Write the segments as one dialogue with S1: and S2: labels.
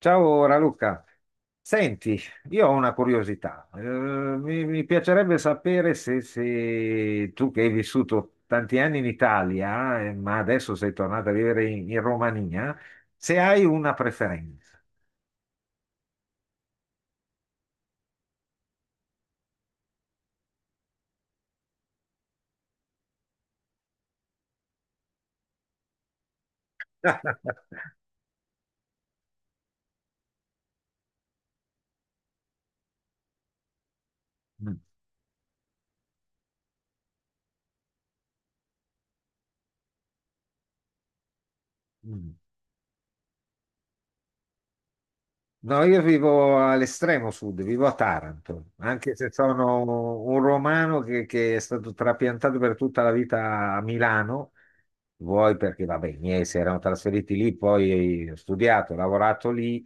S1: Ciao Raluca, senti, io ho una curiosità. Mi piacerebbe sapere se, tu che hai vissuto tanti anni in Italia, ma adesso sei tornato a vivere in, Romania, se hai una preferenza. Mm. Mm. No, io vivo all'estremo sud, vivo a Taranto, anche se sono un romano che è stato trapiantato per tutta la vita a Milano, vuoi perché, vabbè, i miei si erano trasferiti lì, poi ho studiato, ho lavorato lì,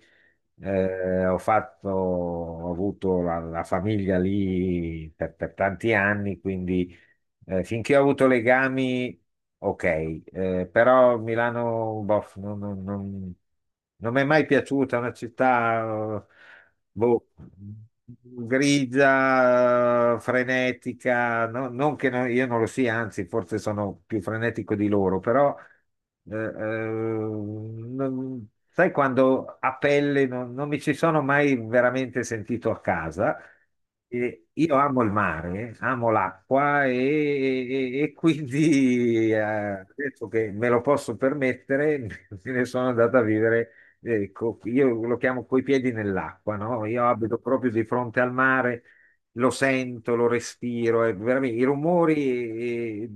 S1: ho avuto la famiglia lì per, tanti anni, quindi finché ho avuto legami, ok, però Milano, boh, non mi è mai piaciuta. È una città, eh, boh, grigia, frenetica, no- non che no- io non lo sia, anzi, forse sono più frenetico di loro, però, sai, quando a pelle non mi ci sono mai veramente sentito a casa. E io amo il mare, amo l'acqua e, e quindi adesso che me lo posso permettere, me ne sono andato a vivere, io lo chiamo coi piedi nell'acqua, no? Io abito proprio di fronte al mare, lo sento, lo respiro, è veramente i rumori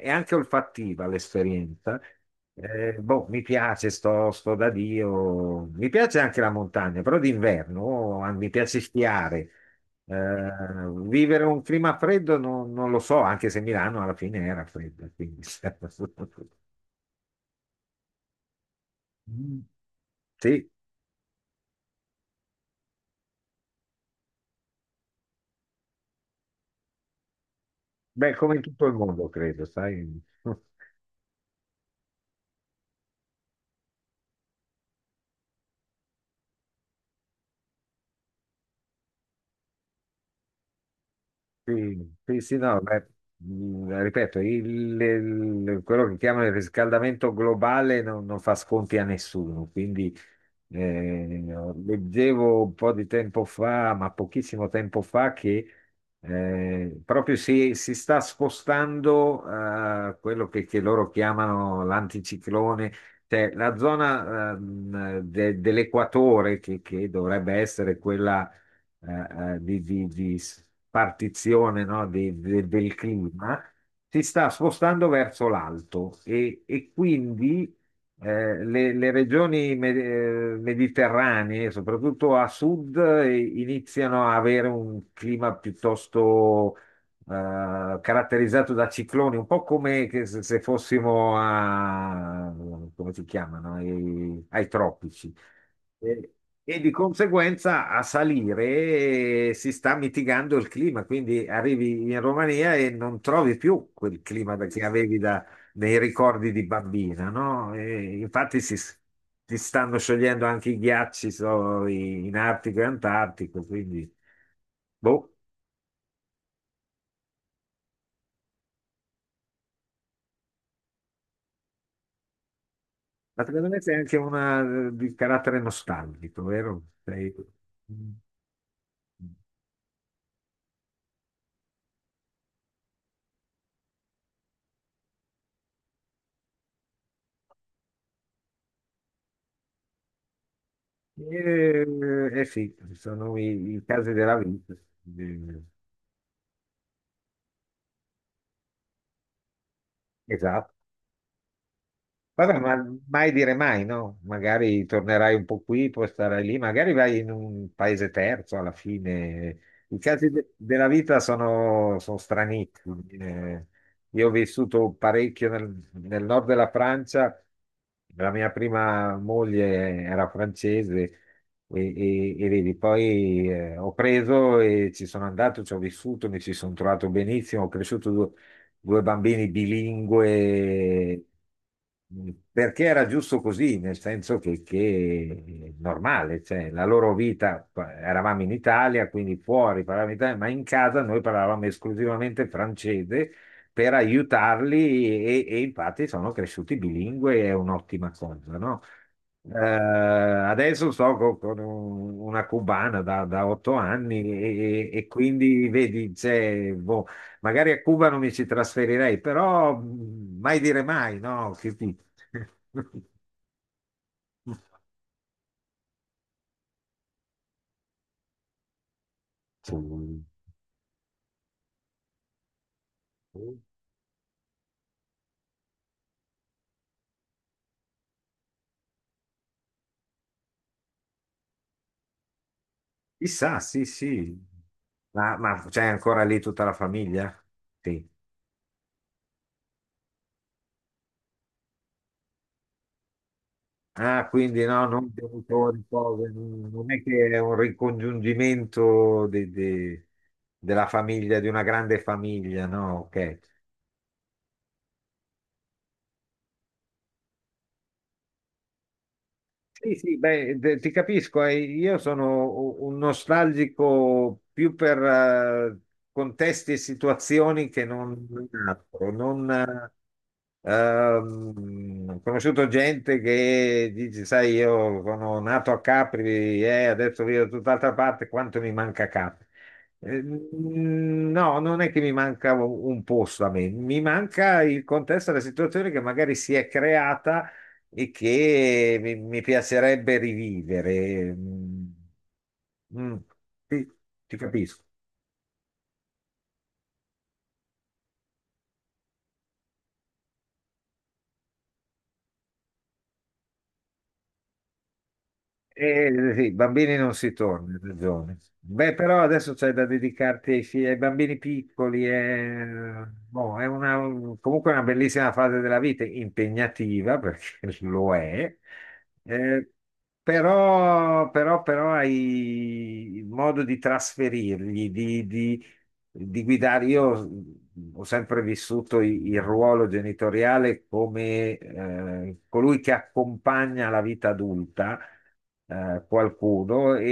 S1: e anche olfattiva l'esperienza. Boh, mi piace, sto da Dio, mi piace anche la montagna, però d'inverno ah, mi piace sciare. Eh, Vivere un clima freddo non, non lo so, anche se Milano alla fine era fredda, quindi... Mm. Sì, beh, come in tutto il mondo, credo, sai. Sì, sì, sì, no, beh, ripeto, quello che chiamano il riscaldamento globale non, non fa sconti a nessuno, quindi eh, leggevo un po' di tempo fa, ma pochissimo tempo fa, che proprio si, si sta spostando a quello che loro chiamano l'anticiclone, cioè la zona dell'equatore che dovrebbe essere quella di partizione, no, del clima, si sta spostando verso l'alto e quindi le regioni mediterranee, soprattutto a sud, iniziano a avere un clima piuttosto caratterizzato da cicloni, un po' come che se, fossimo a, come si chiamano, ai, tropici. E e di conseguenza a salire si sta mitigando il clima, quindi arrivi in Romania e non trovi più quel clima che avevi nei ricordi di bambina, no? E infatti si stanno sciogliendo anche i ghiacci in Artico e Antartico, quindi boh. Ma secondo me sei anche una di carattere nostalgico, vero? Sei... Eh, eh sì, sono i, i casi della vita. Esatto. Vabbè, ma mai dire mai, no? Magari tornerai un po' qui, poi starai lì, magari vai in un paese terzo alla fine. I casi della vita sono, sono stranissimi. Io ho vissuto parecchio nel, nord della Francia, la mia prima moglie era francese e, e vedi, poi ho preso e ci sono andato, ci ho vissuto, mi ci sono trovato benissimo, ho cresciuto due bambini bilingue, perché era giusto così, nel senso che è normale, cioè la loro vita, eravamo in Italia, quindi fuori parlavamo italiano, ma in casa noi parlavamo esclusivamente francese per aiutarli e infatti sono cresciuti bilingue, è un'ottima cosa, no? Adesso sto con una cubana da, otto anni e, e quindi vedi, c'è, boh. Magari a Cuba non mi ci trasferirei, però mai dire mai, no? Che ti- Chissà, sì, sì. Ma c'è ancora lì tutta la famiglia? Sì. Ah, quindi no, non genitori, cose, non è che è un ricongiungimento della famiglia, di una grande famiglia, no? Ok. Sì, sì, beh, ti capisco, eh. Io sono un nostalgico più per contesti e situazioni che non altro. Non, ho conosciuto gente che dice, sai, io sono nato a Capri e adesso vivo da tutt'altra parte, quanto mi manca Capri? No, non è che mi manca un posto a me, mi manca il contesto della situazione che magari si è creata e che mi piacerebbe rivivere. Mm. Mm. Sì, ti capisco. Sì, bambini non si torna, hai ragione. Beh, però adesso c'è da dedicarti ai, figli, ai bambini piccoli, è, boh, è una, comunque una bellissima fase della vita, impegnativa perché lo è, eh, però, però, però hai modo di trasferirgli, di guidare. Io ho sempre vissuto il ruolo genitoriale come colui che accompagna la vita adulta qualcuno e,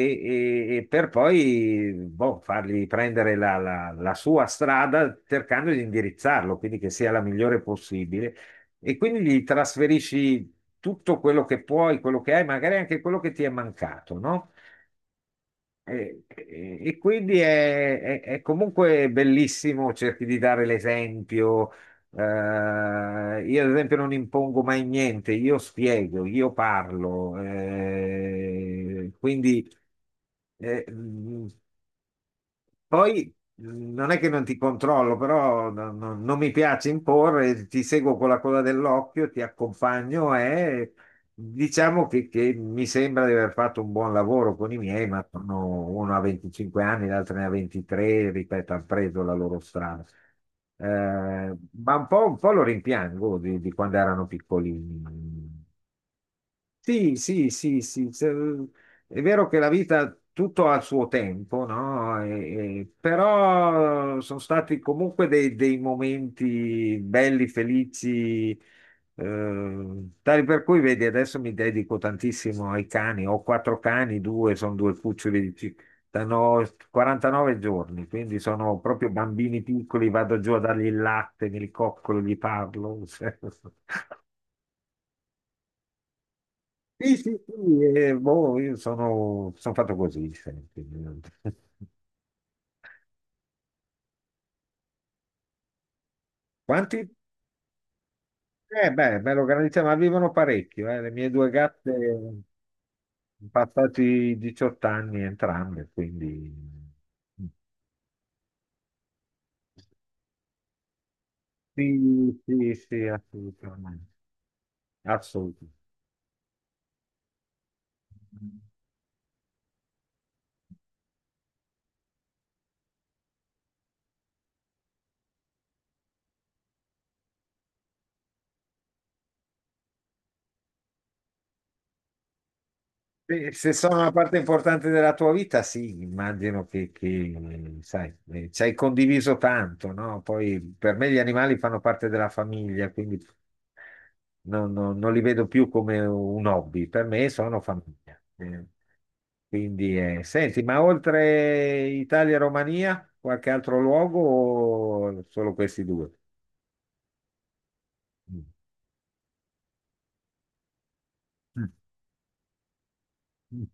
S1: e per poi boh, fargli prendere la sua strada cercando di indirizzarlo, quindi che sia la migliore possibile. E quindi gli trasferisci tutto quello che puoi, quello che hai, magari anche quello che ti è mancato, no? E, e quindi è, è comunque bellissimo, cerchi di dare l'esempio. Io, ad esempio, non impongo mai niente, io spiego, io parlo. Quindi eh, poi non è che non ti controllo, però non mi piace imporre, ti seguo con la coda dell'occhio, ti accompagno e diciamo che mi sembra di aver fatto un buon lavoro con i miei, ma sono- uno ha 25 anni, l'altro ne ha 23, ripeto, hanno preso la loro strada. Ma un po' lo rimpiango di quando erano piccolini. Sì, sì, sì, sì, se- è vero che la vita tutto ha il suo tempo, no? Però sono stati comunque dei, dei momenti belli, felici, tali per cui, vedi, adesso mi dedico tantissimo ai cani, ho quattro cani, due sono due cuccioli hanno 49 giorni, quindi sono proprio bambini piccoli, vado giù a dargli il latte, mi ricoccolo, gli parlo. Sì, sì, sì, boh, io sono, sono fatto così sempre. Quanti? Beh, me lo garantisco, ma vivono parecchio, eh. Le mie due gatte sono passati i 18 anni entrambe, quindi sì, sì, sì, assolutamente. Assolutamente. Se se sono una parte importante della tua vita, sì, immagino che, sai, ci hai condiviso tanto, no? Poi per me gli animali fanno parte della famiglia, quindi non, non li vedo più come un hobby, per me sono famiglia. Quindi, senti, ma oltre Italia e Romania, qualche altro luogo o solo questi due? Mm. Mm. Mm.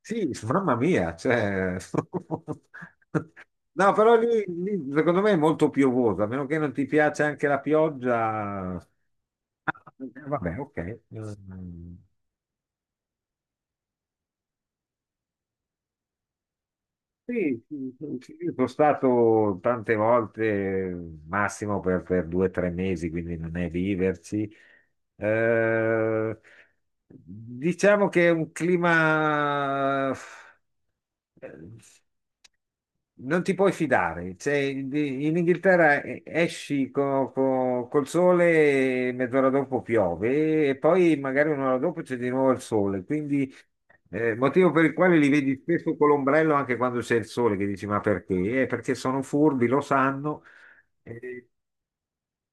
S1: Sì, mamma mia, cioè... No, però lì, lì, secondo me è molto piovoso, a meno che non ti piace anche la pioggia. Vabbè, ok. Mm. Sì, sì, sì, sì, sono stato tante volte, massimo per due o tre mesi, quindi non è viverci. Eh, diciamo che è un clima eh, non ti puoi fidare, cioè, in Inghilterra esci col sole e mezz'ora dopo piove e poi magari un'ora dopo c'è di nuovo il sole, quindi motivo per il quale li vedi spesso con l'ombrello anche quando c'è il sole, che dici ma perché? Perché sono furbi, lo sanno, eh.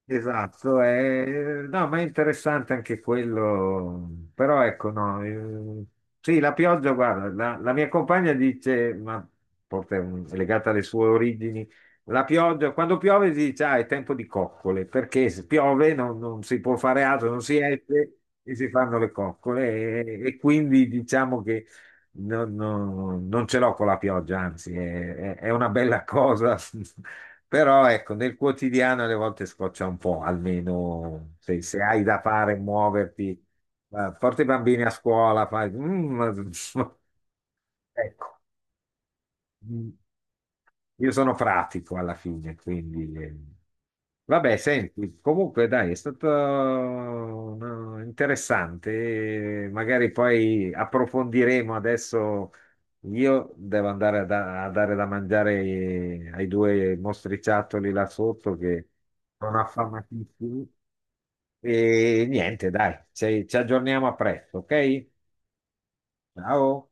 S1: Esatto, no, ma è interessante anche quello, però ecco, no, sì, la pioggia, guarda, la mia compagna dice, ma forse è legata alle sue origini, la pioggia, quando piove si dice, ah, è tempo di coccole, perché se piove non, non si può fare altro, non si esce e si fanno le coccole e quindi diciamo che non, non ce l'ho con la pioggia, anzi, è, è una bella cosa. Però ecco, nel quotidiano alle volte scoccia un po', almeno se, se hai da fare, muoverti, porta i bambini a scuola, fai... mm, ecco. Mm. Io sono pratico alla fine, quindi.... Vabbè, senti, comunque dai, è stato no, interessante. Eh, magari poi approfondiremo adesso. Io devo andare a, a dare da mangiare ai due mostriciattoli là sotto che sono affamatissimi. E niente, dai, ci aggiorniamo a presto, ok? Ciao.